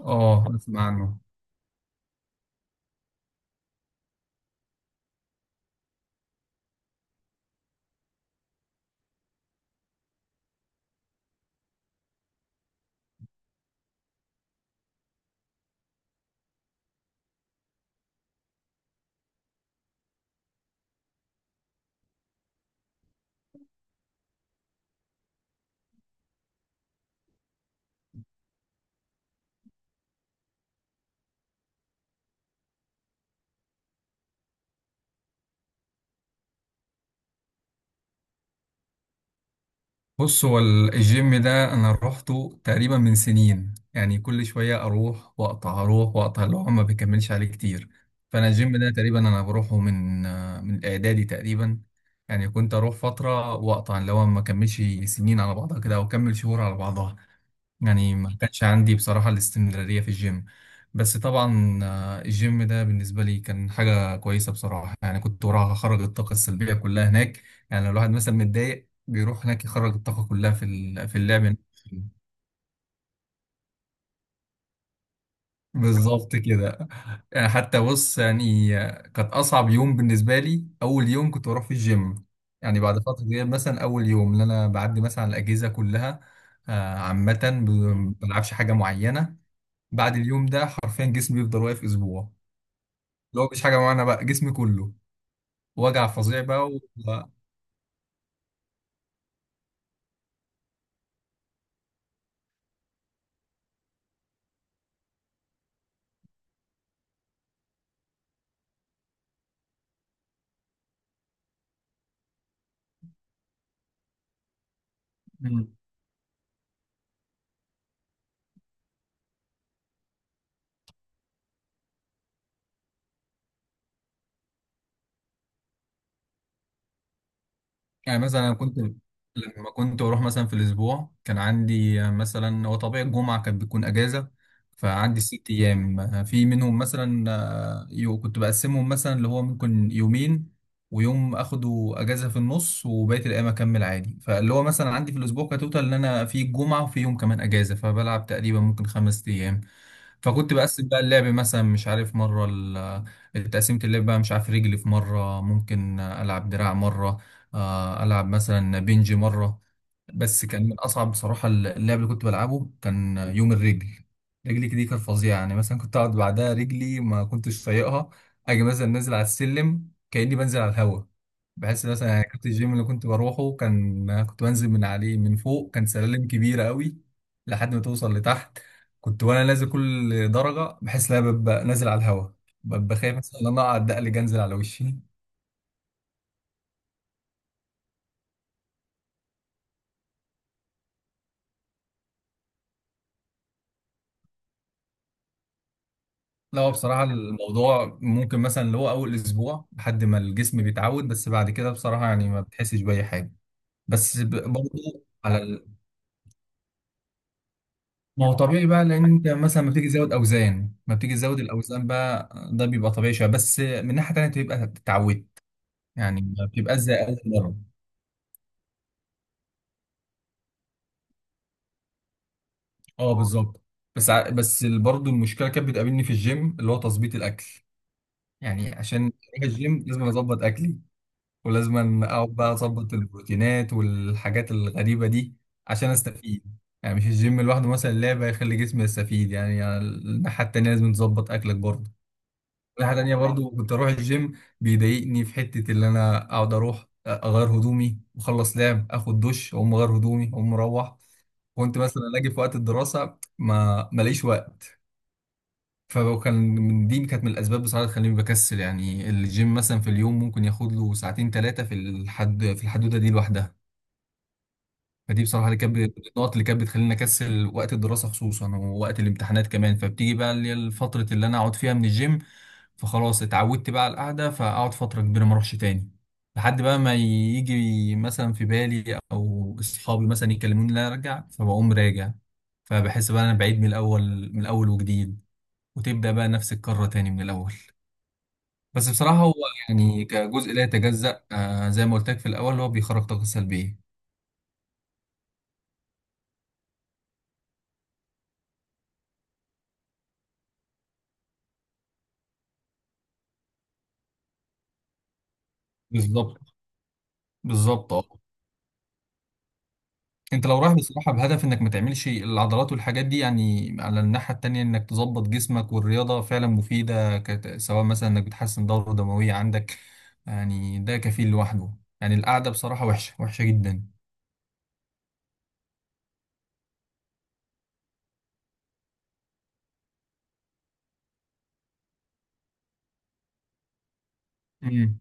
اه، اسمع عنه. بص، هو الجيم ده انا روحته تقريبا من سنين، يعني كل شويه اروح واقطع اروح واقطع اللي هو ما بيكملش عليه كتير. فانا الجيم ده تقريبا انا بروحه من الاعدادي تقريبا. يعني كنت اروح فتره واقطع، اللي هو ما كملش سنين على بعضها كده او اكمل شهور على بعضها. يعني ما كانش عندي بصراحه الاستمراريه في الجيم. بس طبعا الجيم ده بالنسبه لي كان حاجه كويسه بصراحه، يعني كنت وراها اخرج الطاقه السلبيه كلها هناك. يعني لو الواحد مثلا متضايق، بيروح هناك يخرج الطاقة كلها في اللعب نفسه. بالظبط كده. يعني حتى بص يعني كانت أصعب يوم بالنسبة لي أول يوم كنت بروح في الجيم، يعني بعد فترة كبيرة مثلا أول يوم اللي أنا بعدي مثلا على الأجهزة كلها عامة، ما بلعبش حاجة معينة. بعد اليوم ده حرفيا جسمي بيفضل واقف أسبوع، اللي هو مفيش حاجة معينة بقى، جسمي كله وجع فظيع بقى. و... يعني مثلا انا كنت، لما كنت بروح مثلا في الاسبوع كان عندي مثلا، هو طبيعي الجمعه كانت بتكون اجازه، فعندي ست ايام في منهم مثلا، كنت بقسمهم مثلا اللي هو ممكن يومين ويوم اخده اجازه في النص وبقيه الايام اكمل عادي، فاللي هو مثلا عندي في الاسبوع كتوتال ان انا في الجمعه وفي يوم كمان اجازه، فبلعب تقريبا ممكن خمس ايام. فكنت بقسم بقى اللعب مثلا مش عارف مرة التقسيمة اللعب بقى مش عارف رجلي في مرة، ممكن ألعب دراع مرة، ألعب مثلا بنج مرة. بس كان من أصعب بصراحة اللعب اللي كنت بلعبه كان يوم الرجل. رجلي دي كانت فظيعة، يعني مثلا كنت أقعد بعدها رجلي ما كنتش طايقها، أجي مثلا نازل على السلم كأني بنزل على الهوا. بحس مثلا، يعني كنت الجيم اللي كنت بروحه كان كنت بنزل من عليه من فوق كان سلالم كبيرة قوي، لحد ما توصل لتحت. كنت وانا نازل كل درجه بحس ان انا ببقى نازل على الهواء، ببقى خايف مثلا ان انا اقعد دقل جنزل على وشي. لا هو بصراحه الموضوع ممكن مثلا اللي هو اول اسبوع لحد ما الجسم بيتعود، بس بعد كده بصراحه يعني ما بتحسش باي حاجه. بس برضه على ما هو طبيعي بقى، لان انت مثلا ما بتيجي تزود اوزان، ما بتيجي تزود الاوزان بقى ده بيبقى طبيعي شويه، بس من ناحيه تانيه بتبقى اتعودت. يعني ما بتبقاش زي اول مره. اه بالظبط. بس بس برضه المشكله كانت بتقابلني في الجيم اللي هو تظبيط الاكل. يعني عشان اروح الجيم لازم اظبط اكلي، ولازم اقعد بقى اظبط البروتينات والحاجات الغريبه دي عشان استفيد. يعني مش الجيم لوحده مثلا لعبه يخلي جسمي يستفيد، يعني على الناحيه التانيه لازم تظبط اكلك برضه. الناحيه التانيه برضه كنت اروح الجيم بيضايقني في حته اللي انا اقعد اروح اغير هدومي واخلص لعب اخد دش اقوم اغير هدومي اقوم مروح. كنت مثلا اجي في وقت الدراسه ما ماليش وقت. فهو كان من دي كانت من الاسباب بصراحه اللي تخليني بكسل، يعني الجيم مثلا في اليوم ممكن ياخد له ساعتين ثلاثه في الحدوده دي لوحدها. فدي بصراحه اللي كانت النقط اللي كانت بتخليني اكسل وقت الدراسه خصوصا ووقت الامتحانات كمان، فبتيجي بقى اللي هي الفتره اللي انا اقعد فيها من الجيم. فخلاص اتعودت بقى على القعده فاقعد فتره كبيره ما اروحش تاني، لحد بقى ما يجي مثلا في بالي او اصحابي مثلا يكلموني لا ارجع فبقوم راجع. فبحس بقى انا بعيد من الاول من الاول وجديد، وتبدأ بقى نفس الكرة تاني من الأول. بس بصراحة هو يعني كجزء لا يتجزأ زي ما قلت لك في الأول هو بيخرج طاقة سلبية. بالظبط، بالظبط اه. انت لو رايح بصراحة بهدف انك ما تعملش العضلات والحاجات دي، يعني على الناحية التانية انك تظبط جسمك، والرياضة فعلا مفيدة سواء مثلا انك بتحسن دورة دموية عندك، يعني ده كفيل لوحده. يعني القعدة بصراحة وحشة وحشة جدا. امم،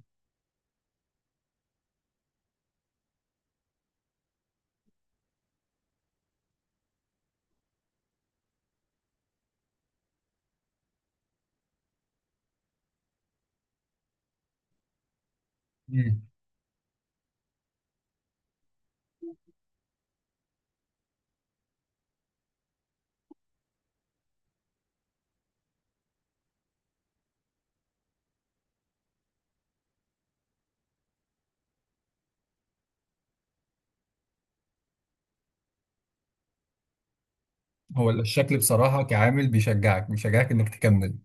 امم. هو الشكل بصراحة كعامل بيشجعك انك تكمل،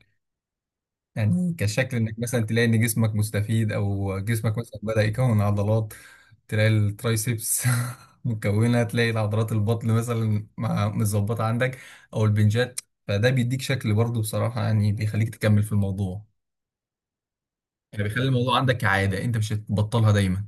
يعني كشكل انك مثلا تلاقي ان جسمك مستفيد او جسمك مثلا بدأ يكون عضلات، تلاقي الترايسبس مكونة، تلاقي العضلات البطن مثلا متظبطة عندك او البنجات. فده بيديك شكل برضه بصراحة، يعني بيخليك تكمل في الموضوع، يعني بيخلي الموضوع عندك كعادة انت مش هتبطلها دايما.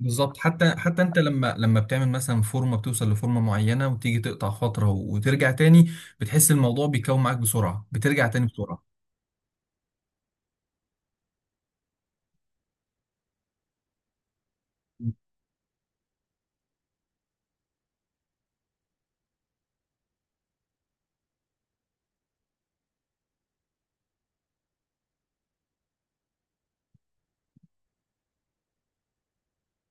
بالظبط، حتى انت لما بتعمل مثلا فورمة بتوصل لفورمة معينة وتيجي تقطع فترة وترجع تاني، بتحس الموضوع بيكون معاك بسرعة بترجع تاني بسرعة.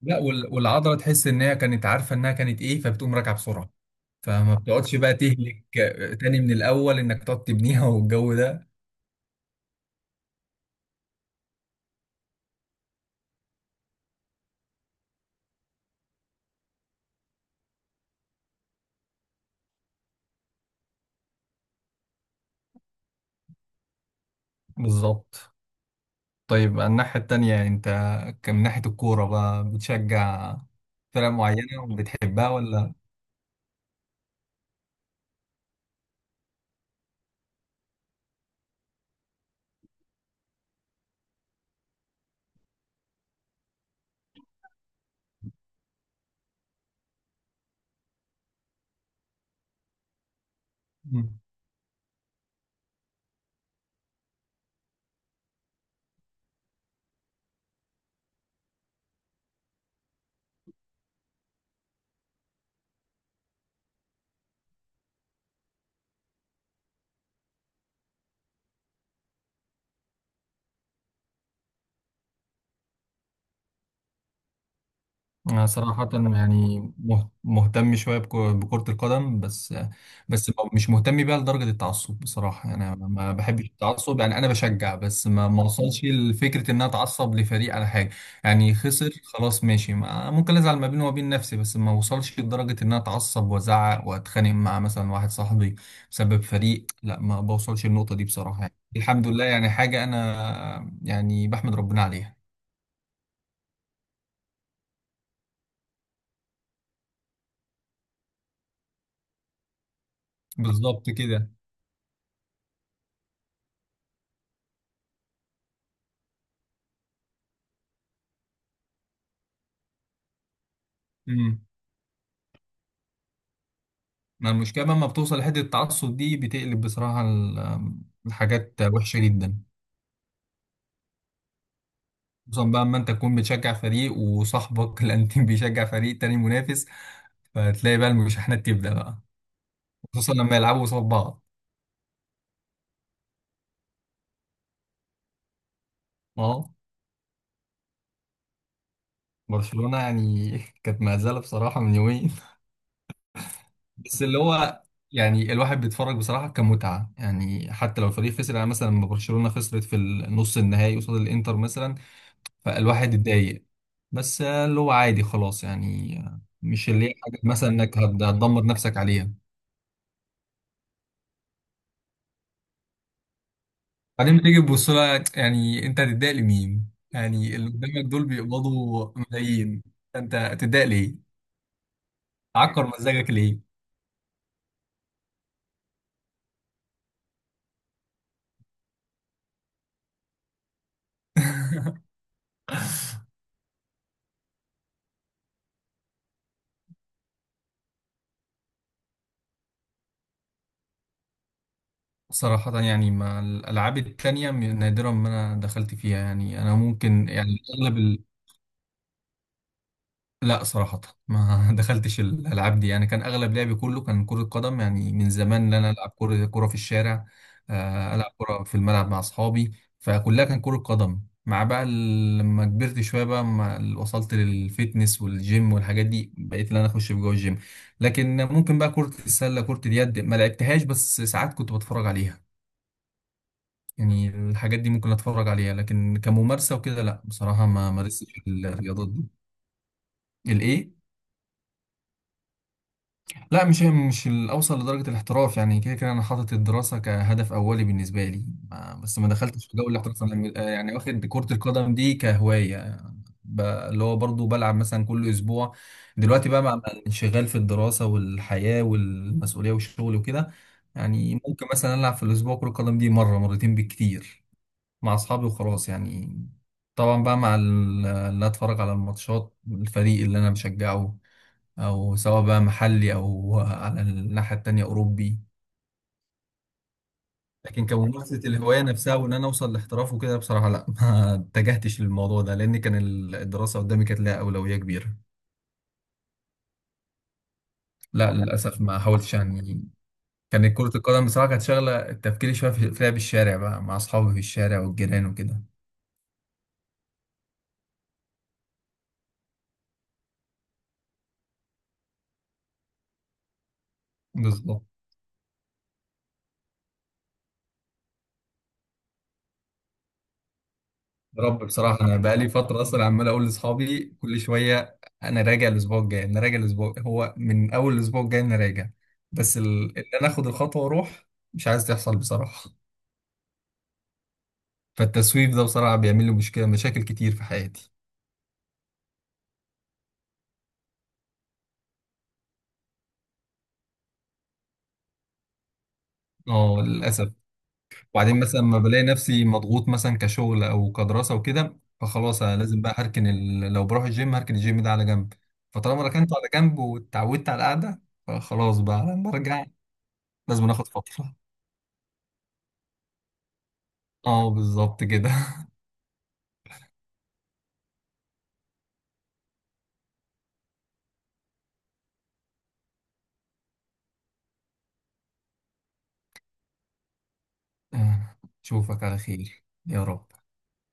لا والعضله تحس ان هي كانت عارفه انها كانت ايه فبتقوم راجعه بسرعه. فما بتقعدش بقى تهلك تاني من الاول انك تقعد تبنيها والجو ده. بالظبط. طيب، الناحيه التانيه انت من ناحيه الكوره بقى بتشجع فرق معينه وبتحبها ولا؟ أنا صراحة يعني مهتم شوية بكرة القدم بس. بس مش مهتم بيها لدرجة التعصب بصراحة، يعني أنا ما بحبش التعصب، يعني أنا بشجع بس ما وصلش لفكرة إن أنا أتعصب لفريق على حاجة. يعني خسر خلاص ماشي، ممكن أزعل ما بيني وبين نفسي بس ما وصلش لدرجة إن أنا أتعصب وأزعق وأتخانق مع مثلا واحد صاحبي بسبب فريق، لا ما بوصلش للنقطة دي بصراحة يعني. الحمد لله، يعني حاجة أنا يعني بحمد ربنا عليها. بالظبط كده. إمم. ما المشكلة لما بتوصل لحتة التعصب دي بتقلب بصراحة الحاجات وحشة جدا. خصوصا بقى اما انت تكون بتشجع فريق وصاحبك الانتيم بيشجع فريق تاني منافس، فتلاقي بقى المشاحنات تبدأ بقى، خصوصا لما يلعبوا قصاد بعض. اه. برشلونة يعني كانت مهزلة بصراحة من يومين بس اللي هو يعني الواحد بيتفرج بصراحة كمتعة، يعني حتى لو الفريق خسر، يعني مثلا لما برشلونة خسرت في النص النهائي قصاد الانتر مثلا، فالواحد اتضايق، بس اللي هو عادي خلاص يعني، مش اللي هي حاجة مثلا انك هتدمر نفسك عليها. بعدين تيجي تبص لها، يعني انت هتتضايق لمين؟ يعني اللي قدامك دول بيقبضوا ملايين، انت هتتضايق ليه؟ تعكر مزاجك ليه؟ صراحة يعني مع الألعاب التانية نادرا ما أنا دخلت فيها، يعني أنا ممكن يعني أغلب. لا صراحة ما دخلتش الألعاب دي، يعني كان أغلب لعبي كله كان كرة قدم، يعني من زمان إن أنا ألعب كرة كرة في الشارع، ألعب كرة في الملعب مع أصحابي. فكلها كان كرة قدم، مع بقى لما كبرت شوية بقى ما وصلت للفيتنس والجيم والحاجات دي بقيت إن أنا أخش في جوه الجيم. لكن ممكن بقى كرة السلة كرة اليد ما لعبتهاش بس ساعات كنت بتفرج عليها، يعني الحاجات دي ممكن أتفرج عليها لكن كممارسة وكده لا بصراحة ما مارستش الرياضات دي. الإيه؟ لا مش الاوصل لدرجه الاحتراف، يعني كده كده انا حاطط الدراسه كهدف اولي بالنسبه لي. بس ما دخلتش في جو الاحتراف أنا يعني واخد كره القدم دي كهوايه. اللي هو برضو بلعب مثلا كل اسبوع. دلوقتي بقى مع الانشغال في الدراسه والحياه والمسؤوليه والشغل وكده، يعني ممكن مثلا العب في الاسبوع كره القدم دي مره مرتين بالكتير مع اصحابي وخلاص يعني. طبعا بقى مع اللي اتفرج على الماتشات الفريق اللي انا بشجعه، او سواء بقى محلي او على الناحيه التانيه اوروبي. لكن كممارسه الهوايه نفسها وان انا اوصل لاحتراف وكده بصراحه لا ما اتجهتش للموضوع ده لان كان الدراسه قدامي كانت لها اولويه كبيره. لا للاسف ما حاولتش يعني، كانت كره القدم بصراحه كانت شغله تفكيري شويه في لعب الشارع بقى مع اصحابي في الشارع والجيران وكده. بالظبط. يا رب بصراحة، أنا بقالي فترة أصلا عمال أقول لأصحابي كل شوية أنا راجع الأسبوع الجاي، أنا راجع الأسبوع، هو من أول الأسبوع الجاي أنا راجع، بس إن أنا آخد الخطوة وأروح مش عايز تحصل بصراحة. فالتسويف ده بصراحة بيعمل لي مشكلة مشاكل كتير في حياتي. أه للأسف. وبعدين مثلا ما بلاقي نفسي مضغوط مثلا كشغل أو كدراسة وكده فخلاص أنا لازم بقى هركن لو بروح الجيم هركن الجيم ده على جنب. فطالما ركنته على جنب واتعودت على القعدة فخلاص بقى لما أرجع لازم آخد فترة. اه بالظبط كده. اشوفك على خير يا رب.